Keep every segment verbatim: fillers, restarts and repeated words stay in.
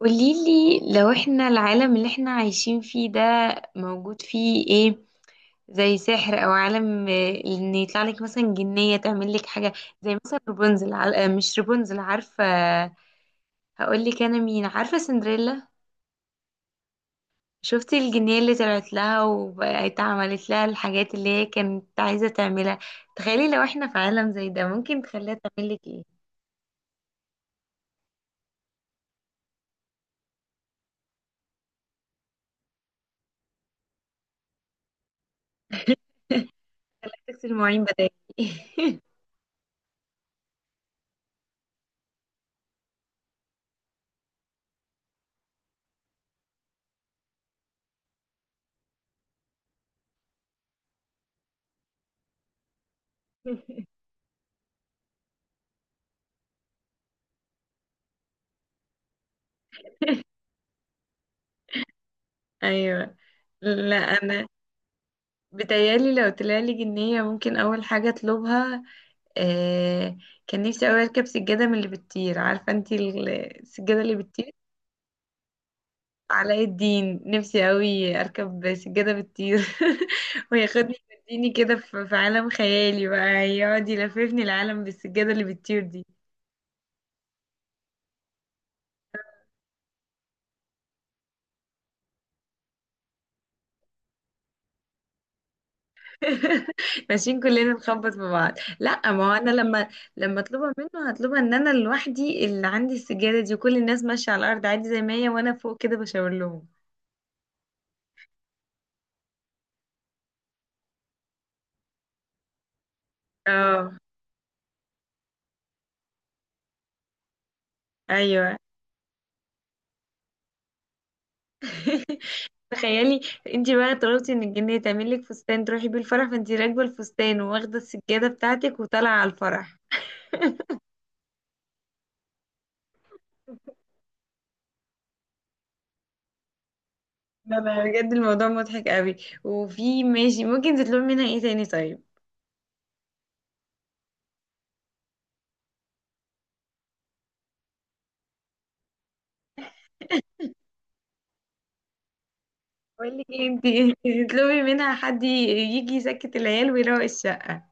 قوليلي لو احنا العالم اللي احنا عايشين فيه ده موجود فيه ايه؟ زي سحر او عالم، آه، ان يطلع لك مثلا جنية تعمل لك حاجة. زي مثلا رابنزل عل- آه، مش رابنزل، عارفة؟ هقول لك انا مين، عارفة سندريلا؟ شفتي الجنية اللي طلعت لها وبقت عملت لها الحاجات اللي هي كانت عايزة تعملها؟ تخيلي لو احنا في عالم زي ده ممكن تخليها تعمل لك ايه. تغسل المواعين بدالي. ايوه. لا، انا بتهيألي لو طلعلي جنية ممكن أول حاجة أطلبها، آه، كان نفسي أوي أركب سجادة من اللي بتطير. عارفة انتي ال- السجادة اللي بتطير؟ علاء الدين. نفسي أوي أركب سجادة بتطير وياخدني يوديني كده في في عالم خيالي بقى، يقعد يلففني العالم بالسجادة اللي بتطير دي. ماشيين كلنا نخبط في بعض. لا، ما هو أنا لما لما أطلبها منه هطلبها إن أنا لوحدي اللي عندي السجادة دي، وكل الناس ماشية على الأرض عادي زي ما هي، وأنا فوق كده بشاور لهم. اه، ايوه. تخيلي، انت بقى طلبتي من الجنيه تعمل لك فستان تروحي بيه الفرح، فانت راكبه الفستان وواخده السجاده بتاعتك وطالعه على الفرح. لا لا، بجد الموضوع مضحك قوي. وفي ماشي ممكن تطلبي منها ايه تاني طيب؟ بقول لك ايه انت، تطلبي منها حد يجي يسكت العيال ويروق الشقه.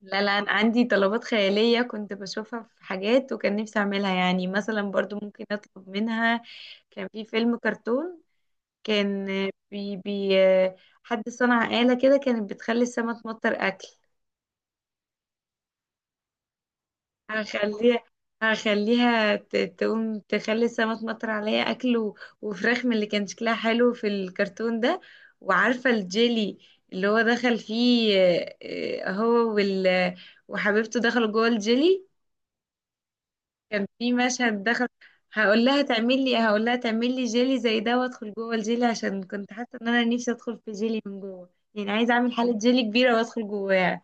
لا لا، انا عندي طلبات خياليه كنت بشوفها في حاجات وكان نفسي اعملها. يعني مثلا برضو ممكن اطلب منها، كان في فيلم كرتون، كان بي بي، حد صنع آلة كده كانت بتخلي السما تمطر أكل. هخليها هخليها ت- تقوم تخلي السما تمطر عليا أكل و- وفراخ من اللي كان شكلها حلو في الكرتون ده. وعارفة الجيلي اللي هو دخل فيه، آه، آه، هو وال وحبيبته دخلوا جوه الجيلي، كان في مشهد دخل. هقول لها تعمل لي هقول لها تعمل لي جيلي زي ده وادخل جوه الجيلي، عشان كنت حاسه ان انا نفسي ادخل في جيلي من جوه. يعني عايزه اعمل حاله جيلي كبيره وادخل جواها.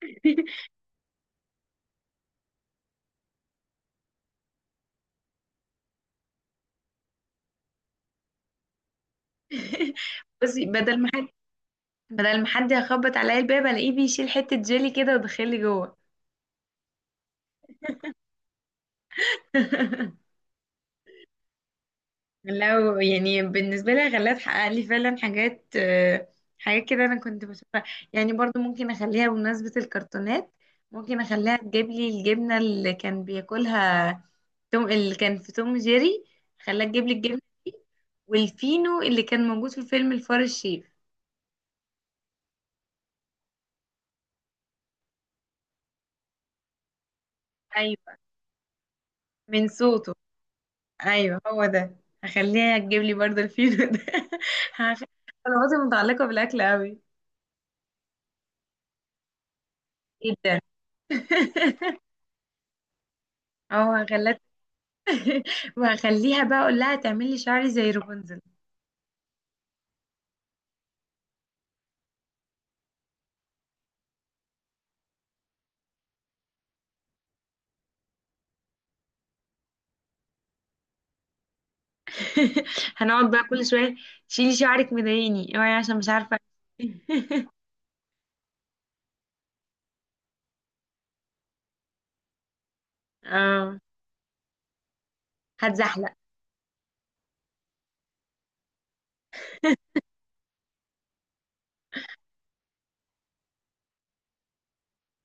بصي، بدل ما حد، بدل ما حد يخبط عليا الباب، الاقيه بيشيل حته جيلي كده ودخلي جوه. لو يعني بالنسبة لي غلاف حقق لي فعلا حاجات، آه، حاجات كده أنا كنت بشوفها. يعني برضو ممكن أخليها بمناسبة الكرتونات، ممكن أخليها تجيب لي الجبنة اللي كان بياكلها توم، اللي كان في توم جيري. خلاها تجيب لي الجبنة دي، والفينو اللي كان موجود في فيلم الفار الشيف. أيوة، من صوته. أيوة، هو ده. هخليها تجيب لي برضو الفينو ده. هخلي طلباتي متعلقة بالأكل أوي، جدا. اه، هخليها. وهخليها بقى اقول لها تعمل لي شعري زي رابنزل. هنقعد بقى كل شويه شيلي شعرك مضايقني، اوعي، عشان مش عارفه. اه، هتزحلق.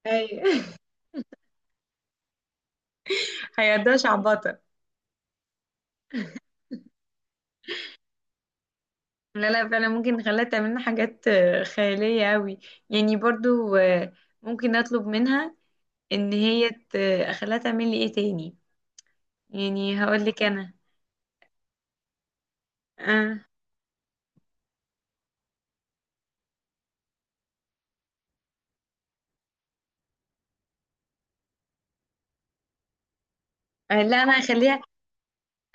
ايوه، هيقضيها شعبطه. لا لا، فعلا ممكن نخليها تعمل لنا حاجات آه، خياليه قوي. يعني برضو، آه، ممكن اطلب منها ان هي ت- اخليها تعمل لي ايه تاني. يعني هقول لك انا، آه. آه، لا انا هخليها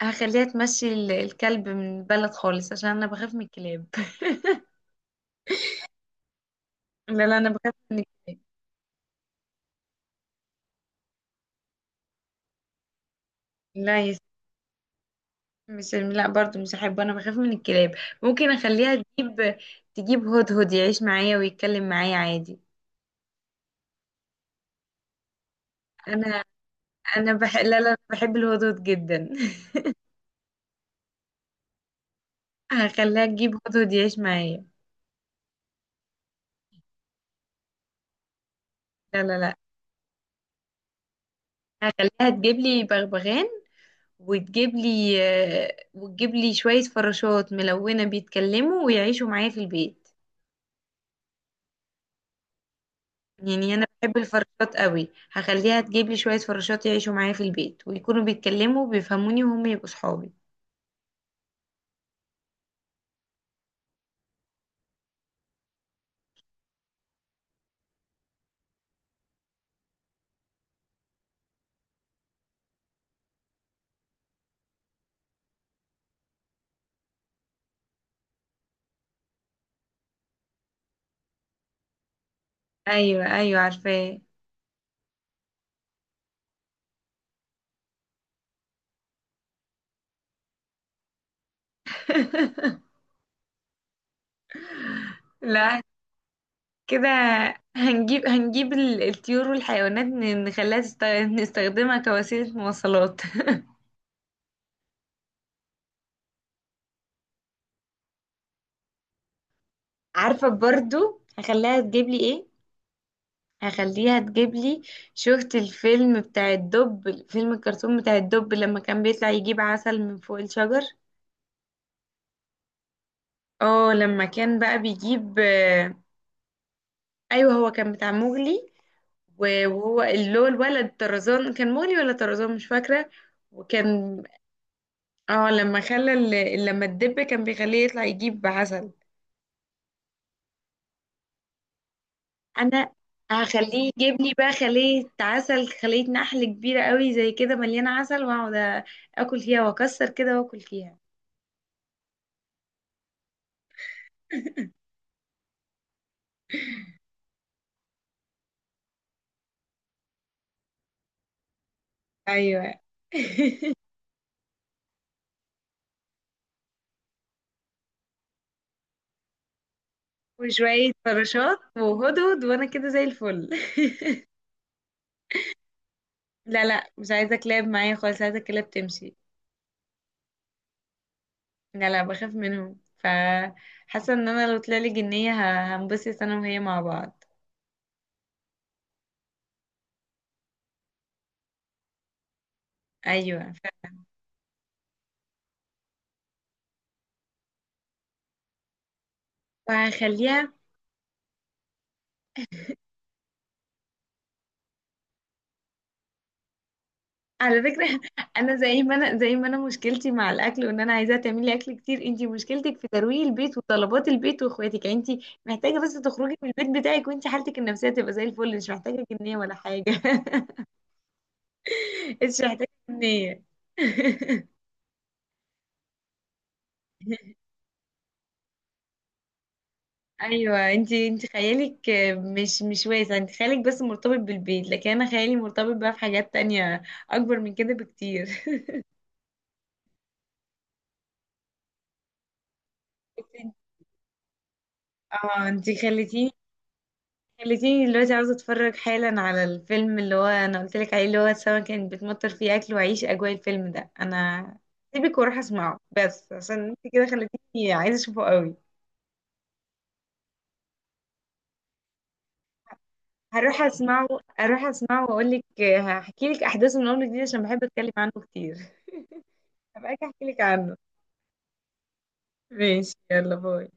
هخليها تمشي ال- الكلب من البلد خالص عشان انا بخاف من الكلاب. لا لا، انا بخاف من الكلاب. لا يا ستي، مش، لا برضو مش هحبه، انا بخاف من الكلاب. ممكن اخليها تجيب، تجيب هدهد يعيش معايا ويتكلم معايا عادي. انا، انا بح، لا لا، بحب الهدهد جدا. هخليها تجيب هدهد يعيش معايا. لا لا لا، هخليها تجيب لي بغبغان وتجيب لي، آه، وتجيب لي شوية فراشات ملونة بيتكلموا ويعيشوا معايا في البيت. يعني انا بحب الفراشات قوي، هخليها تجيب لي شويه فراشات يعيشوا معايا في البيت ويكونوا بيتكلموا وبيفهموني وهم يبقوا صحابي. ايوه ايوه عارفاه. لا كده، هنجيب هنجيب ال- الطيور والحيوانات، ن- نخليها تست- نستخدمها كوسيله مواصلات. عارفه، برضو هخليها تجيب لي ايه؟ هخليها تجيب لي، شفت الفيلم بتاع الدب، فيلم الكرتون بتاع الدب لما كان بيطلع يجيب عسل من فوق الشجر؟ اه لما كان بقى بيجيب، ايوه هو كان بتاع مغلي، و- وهو اللي هو الولد طرزان، كان مغلي ولا طرزان، مش فاكره. وكان، اه لما خلى ال- لما الدب كان بيخليه يطلع يجيب عسل. انا هخليه يجيب لي بقى خلية عسل، خلية نحل كبيرة قوي زي كده مليانة عسل، واقعد اكل فيها واكسر كده واكل فيها. ايوه، وشوية فراشات وهدهد وانا كده زي الفل. لا لا، مش عايزة كلاب معايا خالص، عايزة كلاب تمشي. لا لا، بخاف منهم، فحاسه ان انا لو طلعلي جنيه ه- هنبسط انا وهي مع بعض. ايوه ف، فهخليها. على فكره، انا زي ما انا، زي ما انا مشكلتي مع الاكل وان انا عايزاها تعملي اكل كتير، انتي مشكلتك في ترويق البيت وطلبات البيت واخواتك. يعني انتي محتاجه بس تخرجي من البيت بتاعك وانتي حالتك النفسيه تبقى زي الفل، مش محتاجه جنيه ولا حاجه. مش محتاجه جنيه. ايوه انت، انت خيالك مش مش واسع، انت خيالك بس مرتبط بالبيت، لكن انا خيالي مرتبط بقى في حاجات تانية اكبر من كده بكتير. اه، انت خليتيني، خليتيني دلوقتي عاوزه اتفرج حالا على الفيلم اللي هو انا قلت لك عليه، اللي هو سما كانت بتمطر فيه اكل، واعيش اجواء الفيلم ده. انا سيبك واروح اسمعه بس عشان انت كده خليتيني عايزه اشوفه قوي. هروح اسمعه، اروح اسمعه واقول لك، هحكي لك احداثه من اول جديد عشان بحب اتكلم عنه كتير. هبقى اجي احكي لك عنه. ماشي، يلا باي.